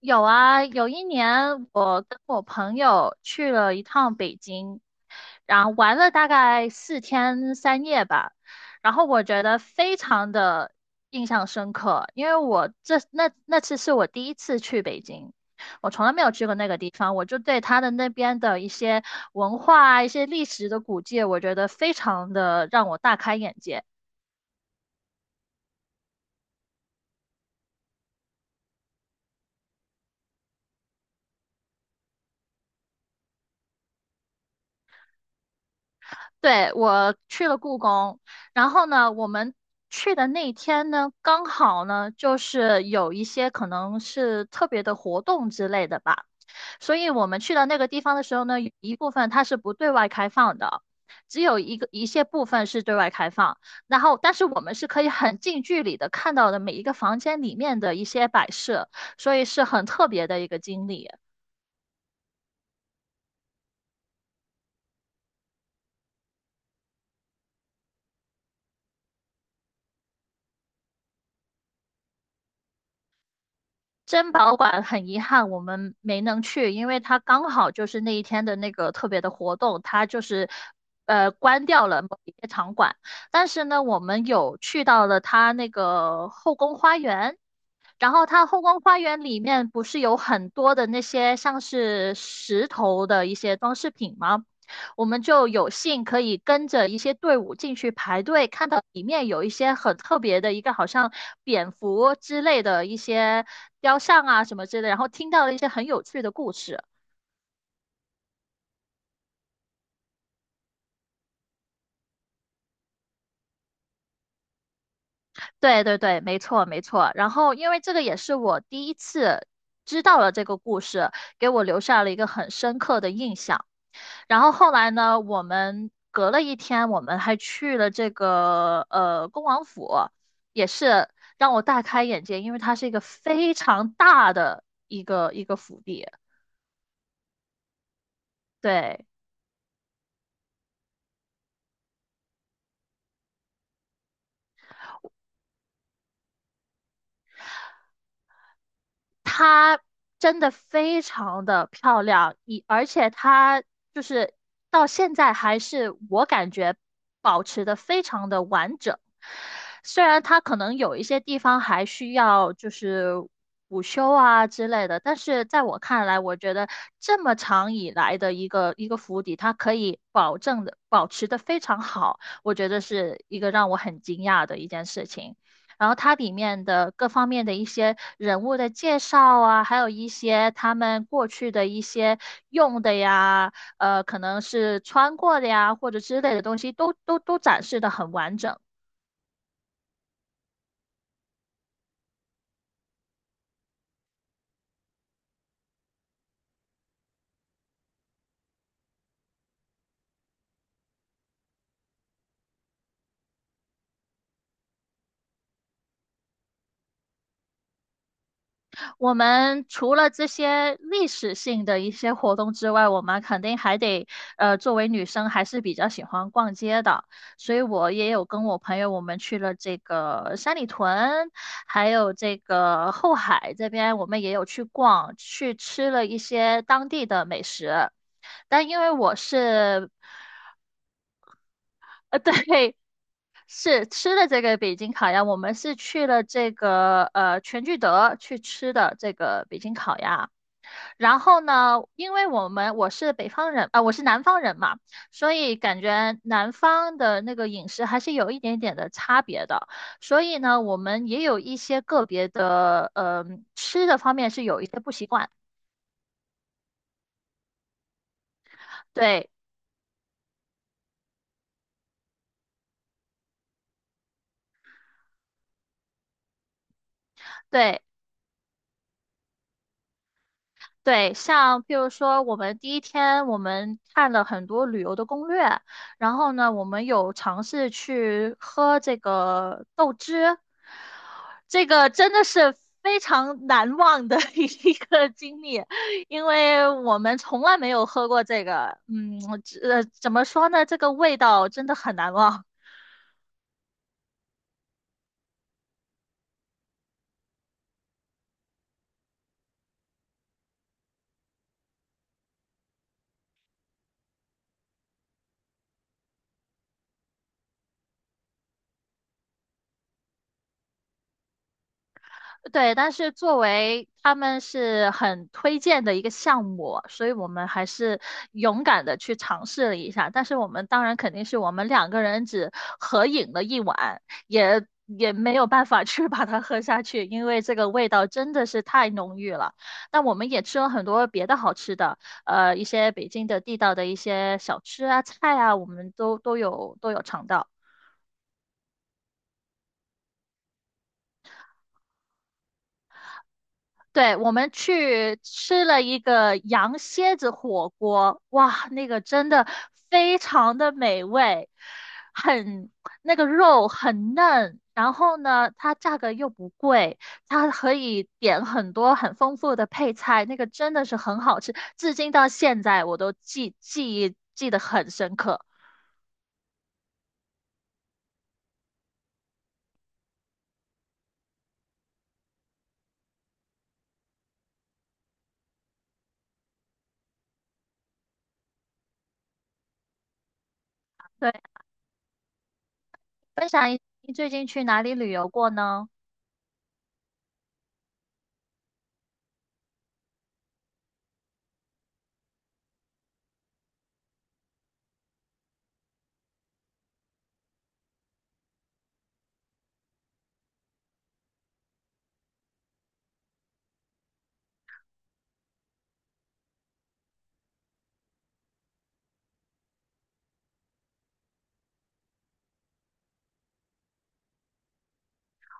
有啊。有一年我跟我朋友去了一趟北京，然后玩了大概4天3夜吧。然后我觉得非常的印象深刻，因为我那次是我第一次去北京，我从来没有去过那个地方，我就对它的那边的一些文化啊、一些历史的古迹，我觉得非常的让我大开眼界。对，我去了故宫，然后呢，我们去的那天呢，刚好呢，就是有一些可能是特别的活动之类的吧，所以我们去到那个地方的时候呢，有一部分它是不对外开放的，只有一些部分是对外开放，然后但是我们是可以很近距离的看到的每一个房间里面的一些摆设，所以是很特别的一个经历。珍宝馆很遗憾我们没能去，因为它刚好就是那一天的那个特别的活动，它就是关掉了某一些场馆。但是呢，我们有去到了它那个后宫花园，然后它后宫花园里面不是有很多的那些像是石头的一些装饰品吗？我们就有幸可以跟着一些队伍进去排队，看到里面有一些很特别的一个好像蝙蝠之类的一些雕像啊什么之类的，然后听到了一些很有趣的故事。对对对，没错没错。然后因为这个也是我第一次知道了这个故事，给我留下了一个很深刻的印象。然后后来呢，我们隔了一天，我们还去了这个恭王府，也是让我大开眼界，因为它是一个非常大的一个府邸。对，真的非常的漂亮，而且它就是到现在还是我感觉保持的非常的完整，虽然它可能有一些地方还需要就是补修啊之类的，但是在我看来，我觉得这么长以来的一个府邸，它可以保证的保持的非常好，我觉得是一个让我很惊讶的一件事情。然后它里面的各方面的一些人物的介绍啊，还有一些他们过去的一些用的呀，可能是穿过的呀，或者之类的东西，都展示的很完整。我们除了这些历史性的一些活动之外，我们肯定还得，作为女生还是比较喜欢逛街的，所以我也有跟我朋友我们去了这个三里屯，还有这个后海这边，我们也有去逛，去吃了一些当地的美食。但因为我是，呃，对，是吃的这个北京烤鸭，我们是去了这个全聚德去吃的这个北京烤鸭。然后呢，因为我们我是北方人啊、我是南方人嘛，所以感觉南方的那个饮食还是有一点点的差别的。所以呢，我们也有一些个别的，吃的方面是有一些不习惯。对对，对，像譬如说，我们第一天我们看了很多旅游的攻略，然后呢，我们有尝试去喝这个豆汁，这个真的是非常难忘的 一个经历，因为我们从来没有喝过这个，嗯，怎么说呢，这个味道真的很难忘。对，但是作为他们是很推荐的一个项目，所以我们还是勇敢的去尝试了一下。但是我们当然肯定是我们两个人只合影了一碗，也没有办法去把它喝下去，因为这个味道真的是太浓郁了。那我们也吃了很多别的好吃的，一些北京的地道的一些小吃啊、菜啊，我们都有尝到。对，我们去吃了一个羊蝎子火锅，哇，那个真的非常的美味，很，那个肉很嫩，然后呢，它价格又不贵，它可以点很多很丰富的配菜，那个真的是很好吃，至今到现在我都记得很深刻。对，分享一你最近去哪里旅游过呢？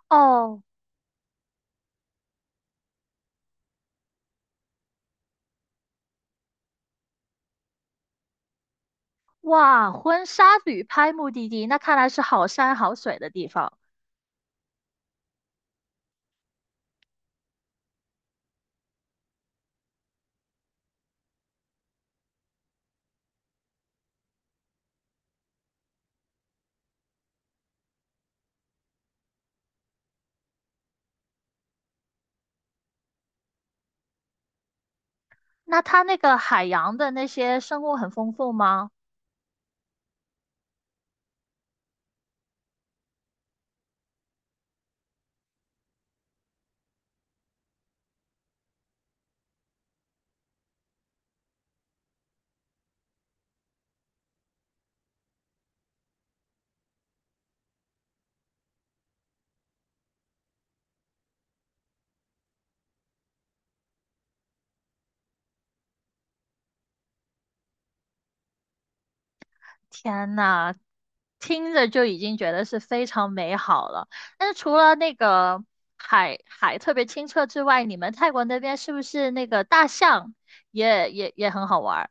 哦，哇，婚纱旅拍目的地，那看来是好山好水的地方。那它那个海洋的那些生物很丰富吗？天呐，听着就已经觉得是非常美好了。但是除了那个海特别清澈之外，你们泰国那边是不是那个大象也很好玩儿？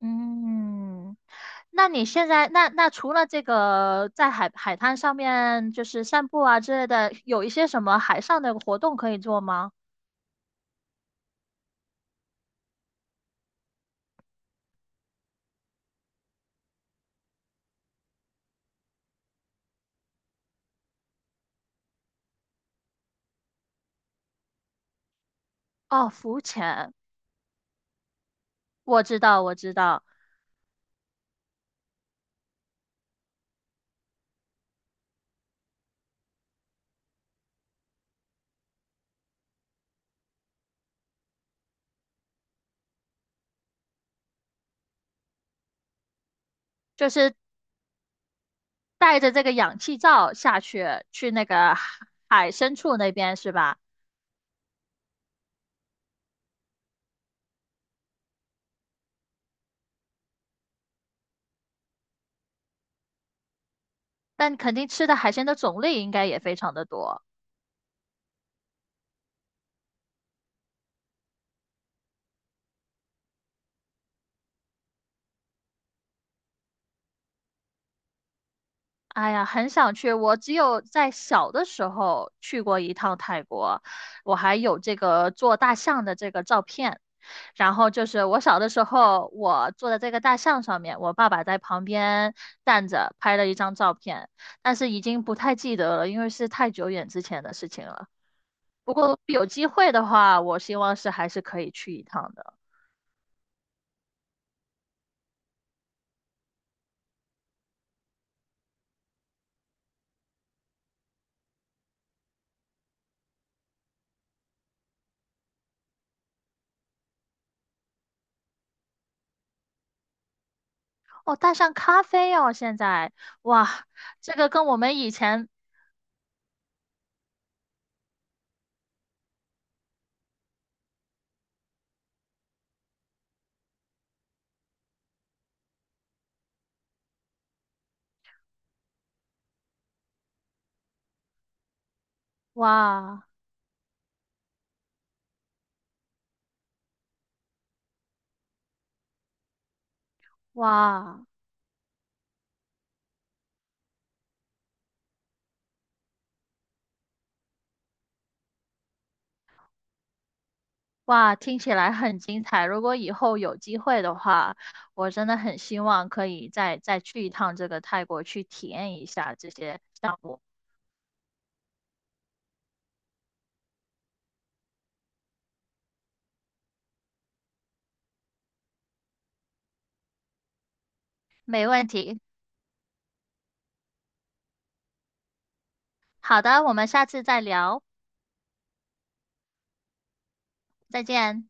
嗯。那你现在那除了这个在海滩上面就是散步啊之类的，有一些什么海上的活动可以做吗？哦，浮潜，我知道我知道，带着这个氧气罩下去，去那个海深处那边是吧？但肯定吃的海鲜的种类应该也非常的多。哎呀，很想去。我只有在小的时候去过一趟泰国，我还有这个做大象的这个照片。然后就是我小的时候，我坐在这个大象上面，我爸爸在旁边站着拍了一张照片，但是已经不太记得了，因为是太久远之前的事情了。不过有机会的话，我希望是还是可以去一趟的。哦，大象咖啡哦，现在哇，这个跟我们以前哇哇。哇，听起来很精彩。如果以后有机会的话，我真的很希望可以再去一趟这个泰国，去体验一下这些项目。没问题。好的，我们下次再聊，再见。